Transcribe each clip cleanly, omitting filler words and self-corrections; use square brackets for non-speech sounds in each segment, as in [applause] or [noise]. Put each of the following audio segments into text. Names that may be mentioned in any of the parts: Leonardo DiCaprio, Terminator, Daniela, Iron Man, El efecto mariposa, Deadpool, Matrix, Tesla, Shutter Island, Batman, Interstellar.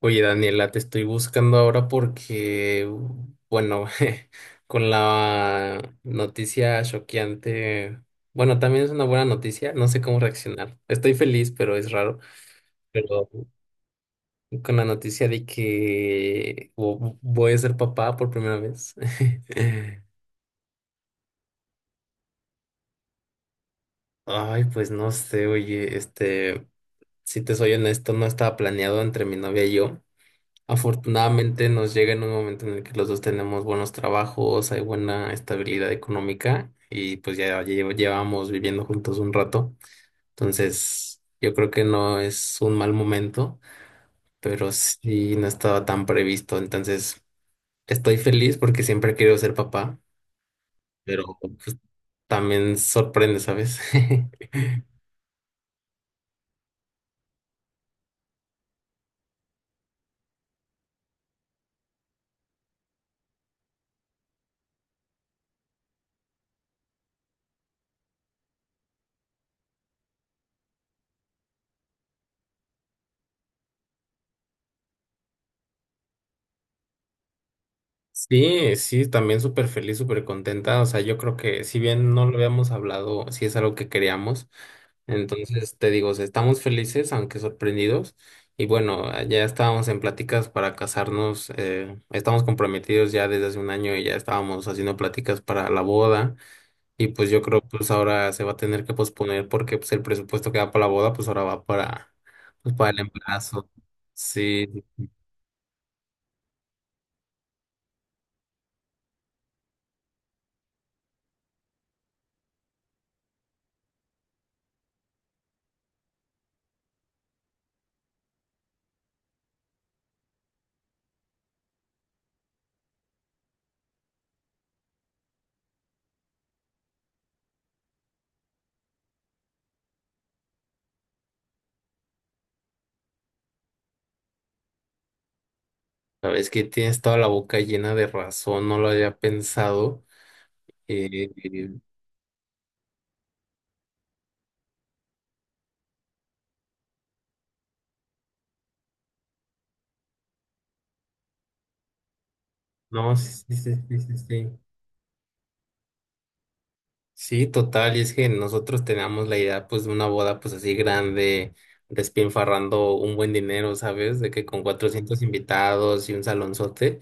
Oye, Daniela, te estoy buscando ahora porque, [laughs] con la noticia choqueante, bueno, también es una buena noticia, no sé cómo reaccionar. Estoy feliz, pero es raro. Pero con la noticia de que voy a ser papá por primera vez. [laughs] Ay, pues no sé, oye, si te soy honesto, no estaba planeado entre mi novia y yo. Afortunadamente nos llega en un momento en el que los dos tenemos buenos trabajos, hay buena estabilidad económica y pues ya llevamos viviendo juntos un rato. Entonces, yo creo que no es un mal momento, pero sí no estaba tan previsto. Entonces, estoy feliz porque siempre he querido ser papá, pero pues, también sorprende, ¿sabes? [laughs] Sí, sí, también súper feliz, súper contenta. O sea, yo creo que si bien no lo habíamos hablado, sí es algo que queríamos. Entonces, te digo, o sea, estamos felices, aunque sorprendidos. Y bueno, ya estábamos en pláticas para casarnos, estamos comprometidos ya desde hace un año y ya estábamos haciendo pláticas para la boda. Y pues yo creo, pues ahora se va a tener que posponer porque pues el presupuesto que va para la boda, pues ahora va para, pues, para el embarazo. Sí, sí. Sabes que tienes toda la boca llena de razón, no lo había pensado. Eh, eh, no, sí, sí, sí, sí, sí. Sí, sí, total, y es que nosotros teníamos la idea pues de una boda pues así grande, despilfarrando un buen dinero, ¿sabes? De que con 400 invitados y un salonzote.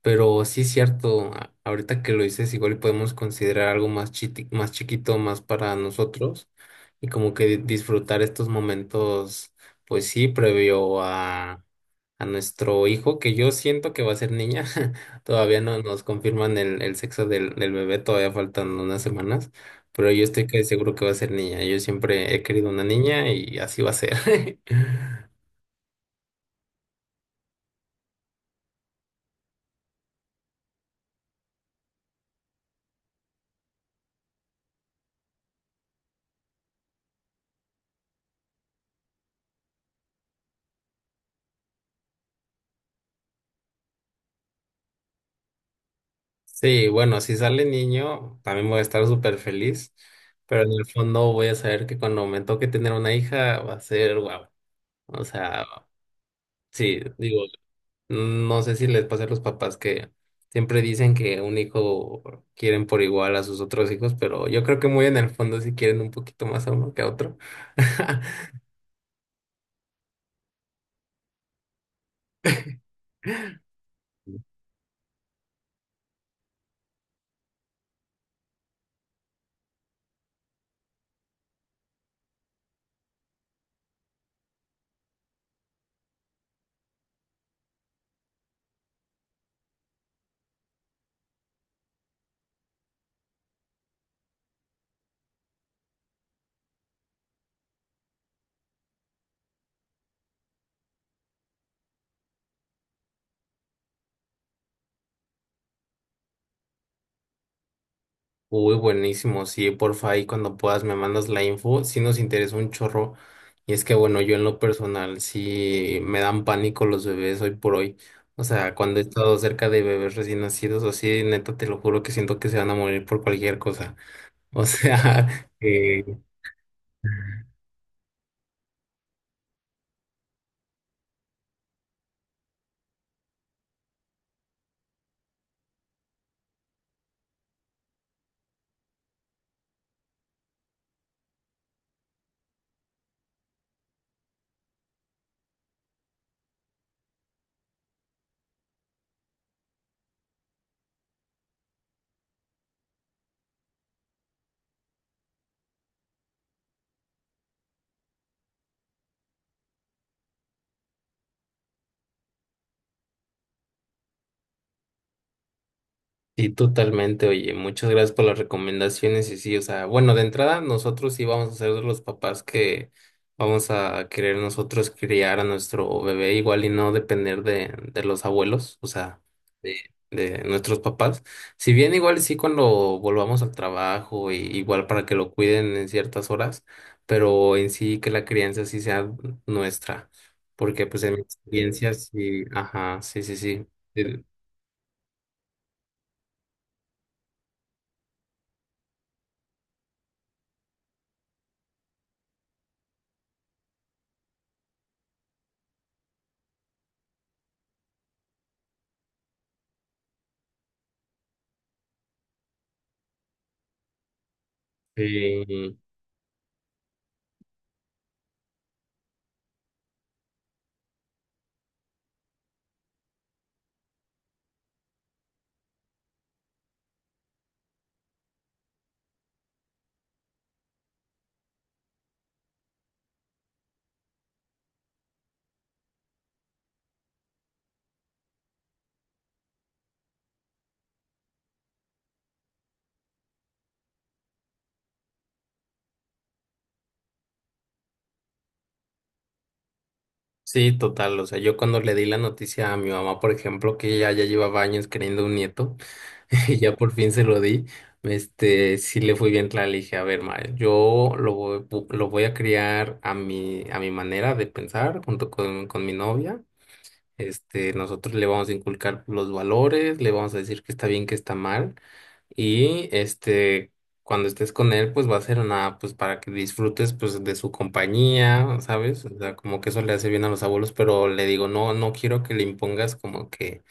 Pero sí es cierto, ahorita que lo dices, igual y podemos considerar algo más más chiquito, más para nosotros, y como que disfrutar estos momentos, pues sí, previo a nuestro hijo, que yo siento que va a ser niña, [laughs] todavía no nos confirman el sexo del bebé, todavía faltan unas semanas, pero yo estoy que seguro que va a ser niña, yo siempre he querido una niña y así va a ser. [laughs] Sí, bueno, si sale niño, también voy a estar súper feliz, pero en el fondo voy a saber que cuando me toque tener una hija va a ser guau. O sea, sí, digo, no sé si les pasa a los papás que siempre dicen que un hijo quieren por igual a sus otros hijos, pero yo creo que muy en el fondo sí quieren un poquito más a uno que a otro. [laughs] Uy, buenísimo. Sí, porfa, ahí cuando puedas me mandas la info. Sí nos interesa un chorro. Y es que, bueno, yo en lo personal sí me dan pánico los bebés hoy por hoy. O sea, cuando he estado cerca de bebés recién nacidos, así, neta, te lo juro que siento que se van a morir por cualquier cosa. O sea, [laughs] sí, totalmente. Oye, muchas gracias por las recomendaciones. Y sí, o sea, bueno, de entrada, nosotros sí vamos a ser de los papás que vamos a querer nosotros criar a nuestro bebé igual y no depender de los abuelos, o sea, de nuestros papás. Si bien igual sí cuando volvamos al trabajo, y igual para que lo cuiden en ciertas horas, pero en sí que la crianza sí sea nuestra. Porque pues en mi experiencia sí, ajá, sí, sí, sí. Sí, sí. Sí, total. O sea, yo cuando le di la noticia a mi mamá, por ejemplo, que ella ya llevaba años queriendo un nieto, [laughs] y ya por fin se lo di, sí le fui bien clara, le dije, a ver, ma, lo voy a criar a mi manera de pensar, junto con mi novia. Este, nosotros le vamos a inculcar los valores, le vamos a decir que está bien, que está mal. Y este, cuando estés con él, pues va a ser una, pues para que disfrutes pues de su compañía, ¿sabes? O sea, como que eso le hace bien a los abuelos, pero le digo, no, no quiero que le impongas como que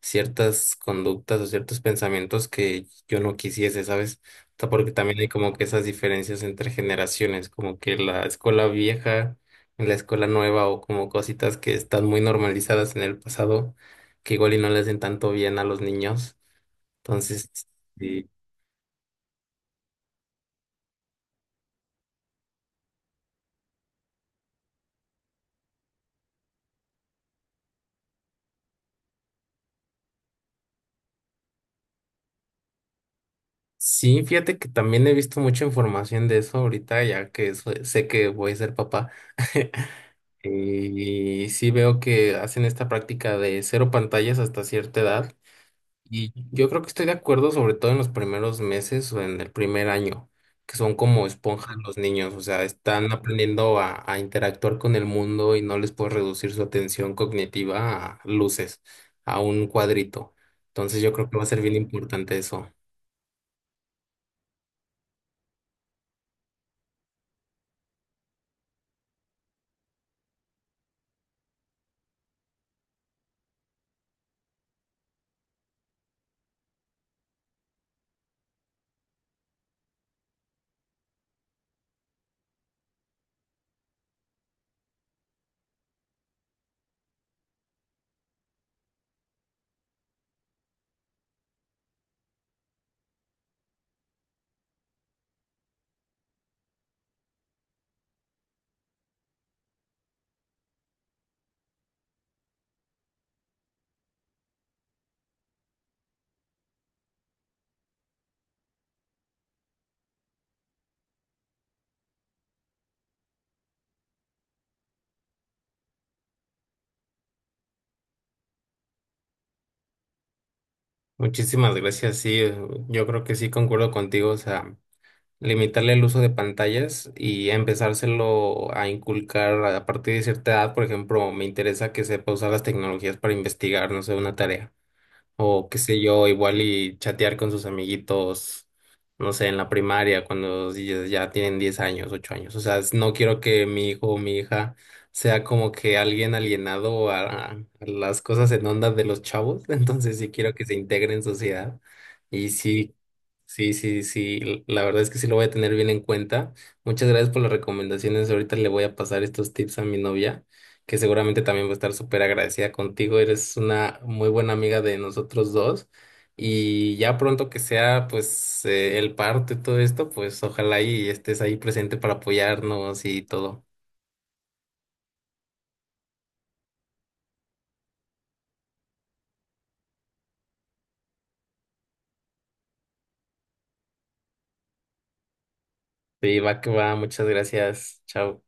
ciertas conductas o ciertos pensamientos que yo no quisiese, ¿sabes? O sea, porque también hay como que esas diferencias entre generaciones, como que la escuela vieja en la escuela nueva o como cositas que están muy normalizadas en el pasado, que igual y no le hacen tanto bien a los niños. Entonces, sí, sí, fíjate que también he visto mucha información de eso ahorita, ya que sé que voy a ser papá. [laughs] Y sí veo que hacen esta práctica de cero pantallas hasta cierta edad. Y yo creo que estoy de acuerdo, sobre todo en los primeros meses o en el primer año, que son como esponjas los niños, o sea, están aprendiendo a interactuar con el mundo y no les puedes reducir su atención cognitiva a luces, a un cuadrito. Entonces yo creo que va a ser bien importante eso. Muchísimas gracias, sí, yo creo que sí concuerdo contigo, o sea. Limitarle el uso de pantallas y empezárselo a inculcar a partir de cierta edad. Por ejemplo, me interesa que sepa usar las tecnologías para investigar, no sé, una tarea. O qué sé yo, igual y chatear con sus amiguitos, no sé, en la primaria, cuando ellos ya tienen 10 años, 8 años. O sea, no quiero que mi hijo o mi hija sea como que alguien alienado a las cosas en onda de los chavos. [laughs] Entonces sí quiero que se integre en sociedad. Y sí, sí, sí, sí, la verdad es que sí lo voy a tener bien en cuenta. Muchas gracias por las recomendaciones. Ahorita le voy a pasar estos tips a mi novia que seguramente también va a estar súper agradecida contigo. Eres una muy buena amiga de nosotros dos. Y ya pronto que sea, pues, el parte todo esto, pues ojalá y estés ahí presente para apoyarnos y todo. Sí, va que va. Muchas gracias. Chao.